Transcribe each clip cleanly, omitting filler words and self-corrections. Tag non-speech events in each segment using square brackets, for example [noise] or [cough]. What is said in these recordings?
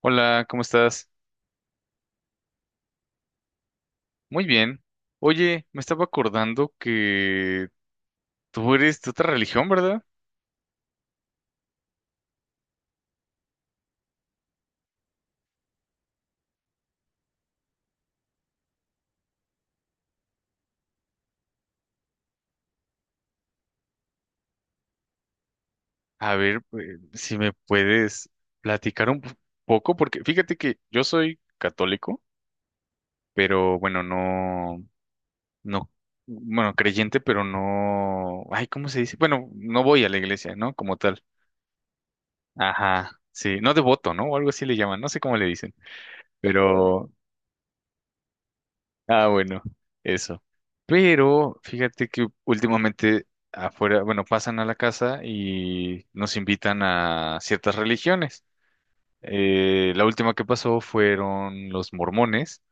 Hola, ¿cómo estás? Muy bien. Oye, me estaba acordando que tú eres de otra religión, ¿verdad? A ver, si me puedes platicar un poco, porque fíjate que yo soy católico, pero bueno, no, no, bueno, creyente, pero no, ay, ¿cómo se dice? Bueno, no voy a la iglesia, ¿no? Como tal. Ajá, sí, no devoto, ¿no? O algo así le llaman, no sé cómo le dicen. Oh, pero, ah, bueno, eso. Pero fíjate que últimamente afuera, bueno, pasan a la casa y nos invitan a ciertas religiones. La última que pasó fueron los mormones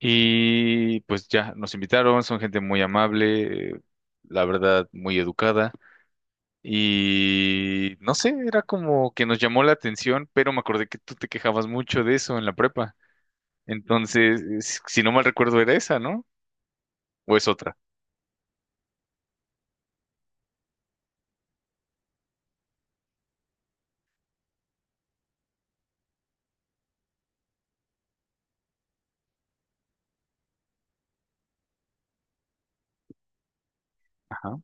y pues ya nos invitaron, son gente muy amable, la verdad, muy educada. Y no sé, era como que nos llamó la atención, pero me acordé que tú te quejabas mucho de eso en la prepa. Entonces, si no mal recuerdo, era esa, ¿no? ¿O es otra? Ajá.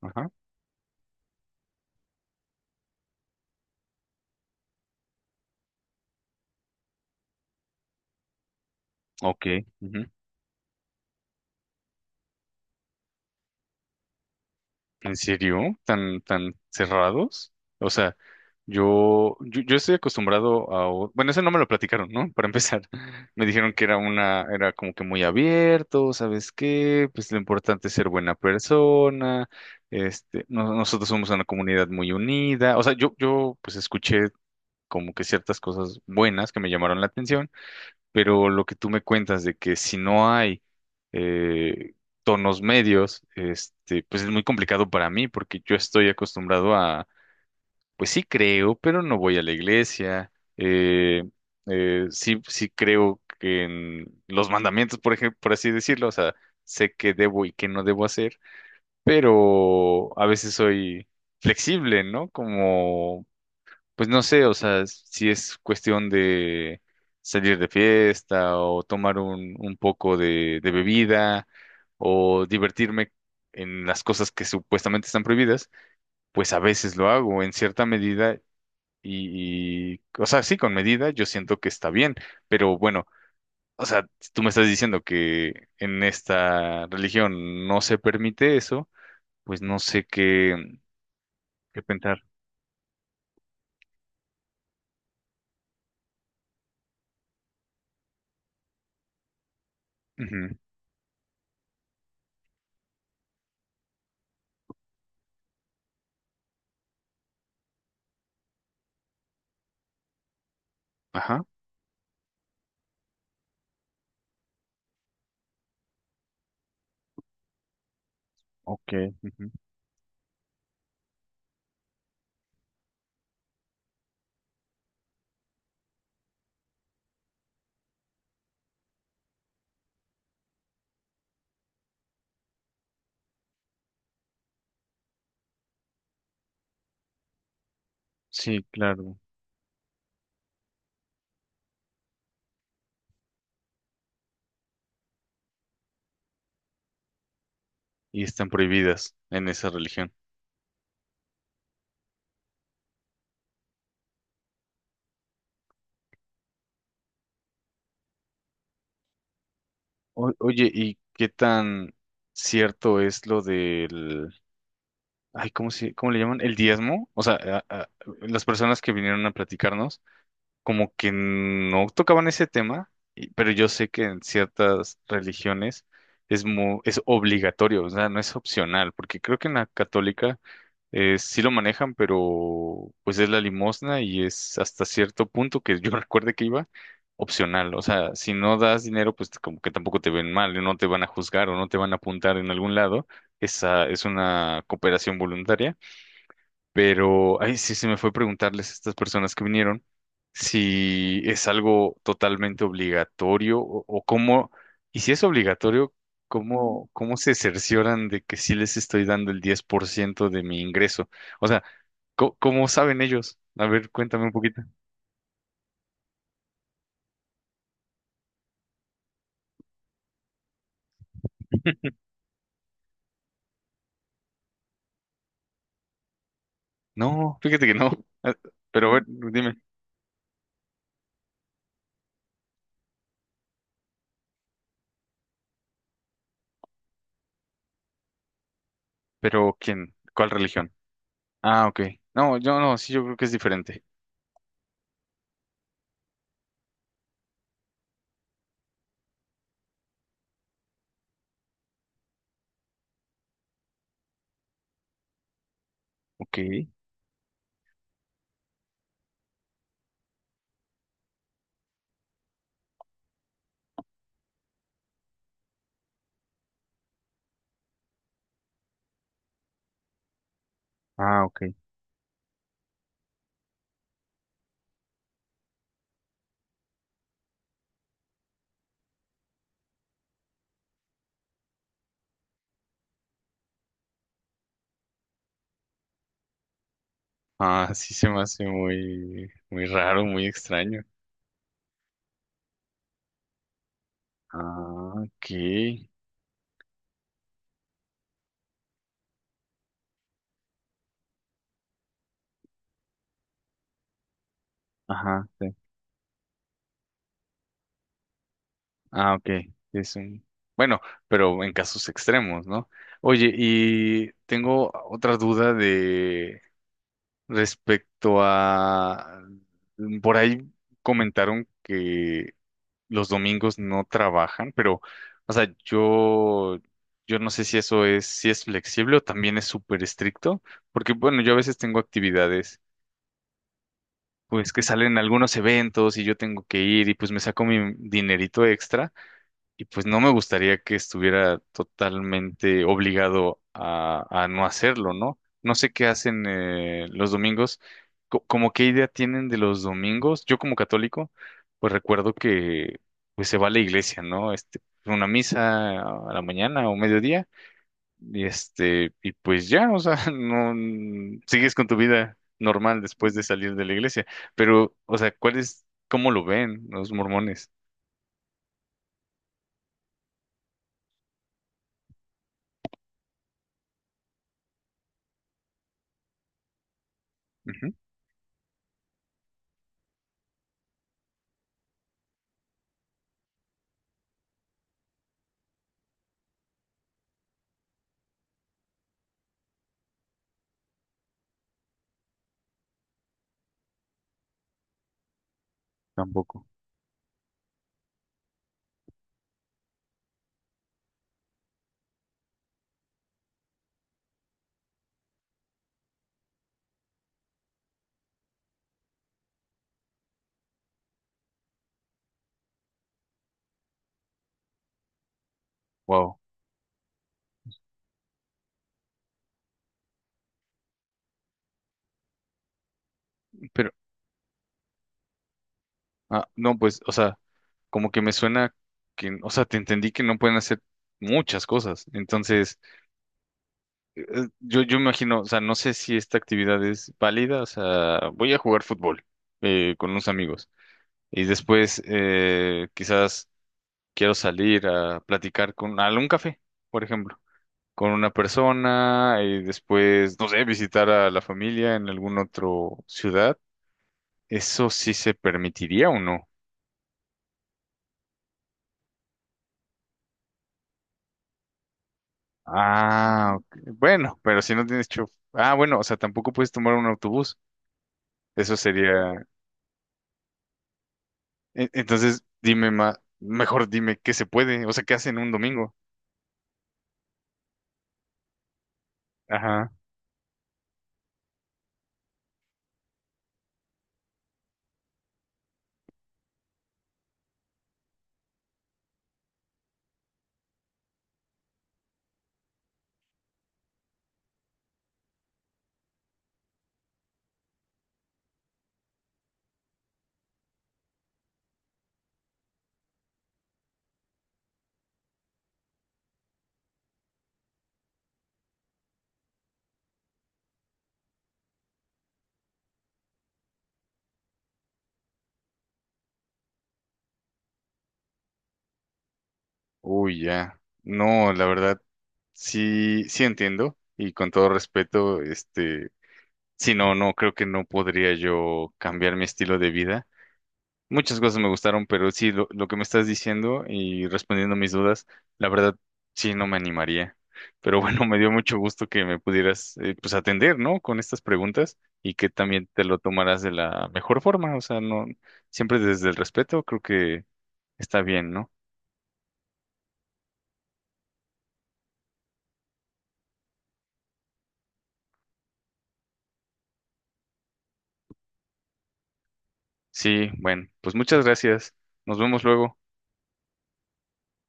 Ajá, ok. Ujú. ¿En serio? ¿Tan, tan cerrados? O sea, yo estoy acostumbrado a... Bueno, eso no me lo platicaron, ¿no? Para empezar, [laughs] me dijeron que era era como que muy abierto, ¿sabes qué? Pues lo importante es ser buena persona, este, nosotros somos una comunidad muy unida. O sea, yo pues escuché como que ciertas cosas buenas que me llamaron la atención. Pero lo que tú me cuentas de que si no hay eh, tonos medios, este, pues es muy complicado para mí porque yo estoy acostumbrado a, pues sí creo, pero no voy a la iglesia, eh, sí, sí creo que en los mandamientos, por ejemplo, por así decirlo, o sea, sé qué debo y qué no debo hacer, pero a veces soy flexible, ¿no? Como pues no sé, o sea, si es cuestión de salir de fiesta o tomar un poco de bebida o divertirme en las cosas que supuestamente están prohibidas, pues a veces lo hago en cierta medida o sea, sí, con medida yo siento que está bien, pero bueno, o sea, tú me estás diciendo que en esta religión no se permite eso, pues no sé qué pensar. Ujú, ajá, ok. Ujú, sí, claro. Y están prohibidas en esa religión. Oye, ¿y qué tan cierto es lo del... ay, ¿cómo se, cómo le llaman? ¿El diezmo? O sea, las personas que vinieron a platicarnos como que no tocaban ese tema, pero yo sé que en ciertas religiones es es obligatorio, o sea, no es opcional, porque creo que en la católica sí lo manejan, pero pues es la limosna y es hasta cierto punto que yo [laughs] recuerde que iba opcional, o sea, si no das dinero, pues como que tampoco te ven mal, no te van a juzgar o no te van a apuntar en algún lado, esa es una cooperación voluntaria, pero, ay, sí, se me fue preguntarles a estas personas que vinieron si es algo totalmente obligatorio o cómo, y si es obligatorio, cómo se cercioran de que sí les estoy dando el 10% de mi ingreso. O sea, ¿cómo, saben ellos? A ver, cuéntame un poquito. No, fíjate que no. Ah, pero, a ver, dime, ¿pero quién? ¿Cuál religión? Ah, ok. No, yo no, sí, yo creo que es diferente. Ok. Ah, ok. Ah, sí se me hace muy, muy raro, muy extraño. Ah, ok. Ajá, sí. Ah, ok. Es un... bueno, pero en casos extremos, ¿no? Oye, y tengo otra duda de respecto a... por ahí comentaron que los domingos no trabajan, pero, o sea, yo no sé si eso es, si es flexible o también es súper estricto, porque, bueno, yo a veces tengo actividades pues que salen algunos eventos y yo tengo que ir y pues me saco mi dinerito extra y pues no me gustaría que estuviera totalmente obligado a no hacerlo, ¿no? No sé qué hacen los domingos, como qué idea tienen de los domingos. Yo como católico, pues recuerdo que pues se va a la iglesia, ¿no? Este, una misa a la mañana o mediodía y este, y pues ya, o sea, [laughs] no sigues con tu vida normal después de salir de la iglesia. Pero, o sea, ¿cuál es, cómo lo ven los mormones? Ujú, tampoco. Wow. Pero, ah, no, pues, o sea, como que me suena que, o sea, te entendí que no pueden hacer muchas cosas. Entonces, yo imagino, o sea, no sé si esta actividad es válida, o sea, voy a jugar fútbol con unos amigos. Y después, quizás quiero salir a platicar con a un café, por ejemplo, con una persona y después, no sé, visitar a la familia en algún otro ciudad. ¿Eso sí se permitiría o no? Ah, ok. Bueno, pero si no tienes chofer. Ah, bueno, o sea, tampoco puedes tomar un autobús. Eso sería. Entonces, dime más, mejor dime qué se puede, o sea, qué hacen un domingo. Ajá. Uy, ya. No, la verdad, sí, sí entiendo. Y con todo respeto, este, sí, no, no, creo que no podría yo cambiar mi estilo de vida. Muchas cosas me gustaron, pero sí, lo que me estás diciendo y respondiendo mis dudas, la verdad, sí, no me animaría. Pero bueno, [laughs] me dio mucho gusto que me pudieras, pues, atender, ¿no? Con estas preguntas y que también te lo tomaras de la mejor forma. O sea, no, siempre desde el respeto, creo que está bien, ¿no? Sí, bueno, pues muchas gracias. Nos vemos luego.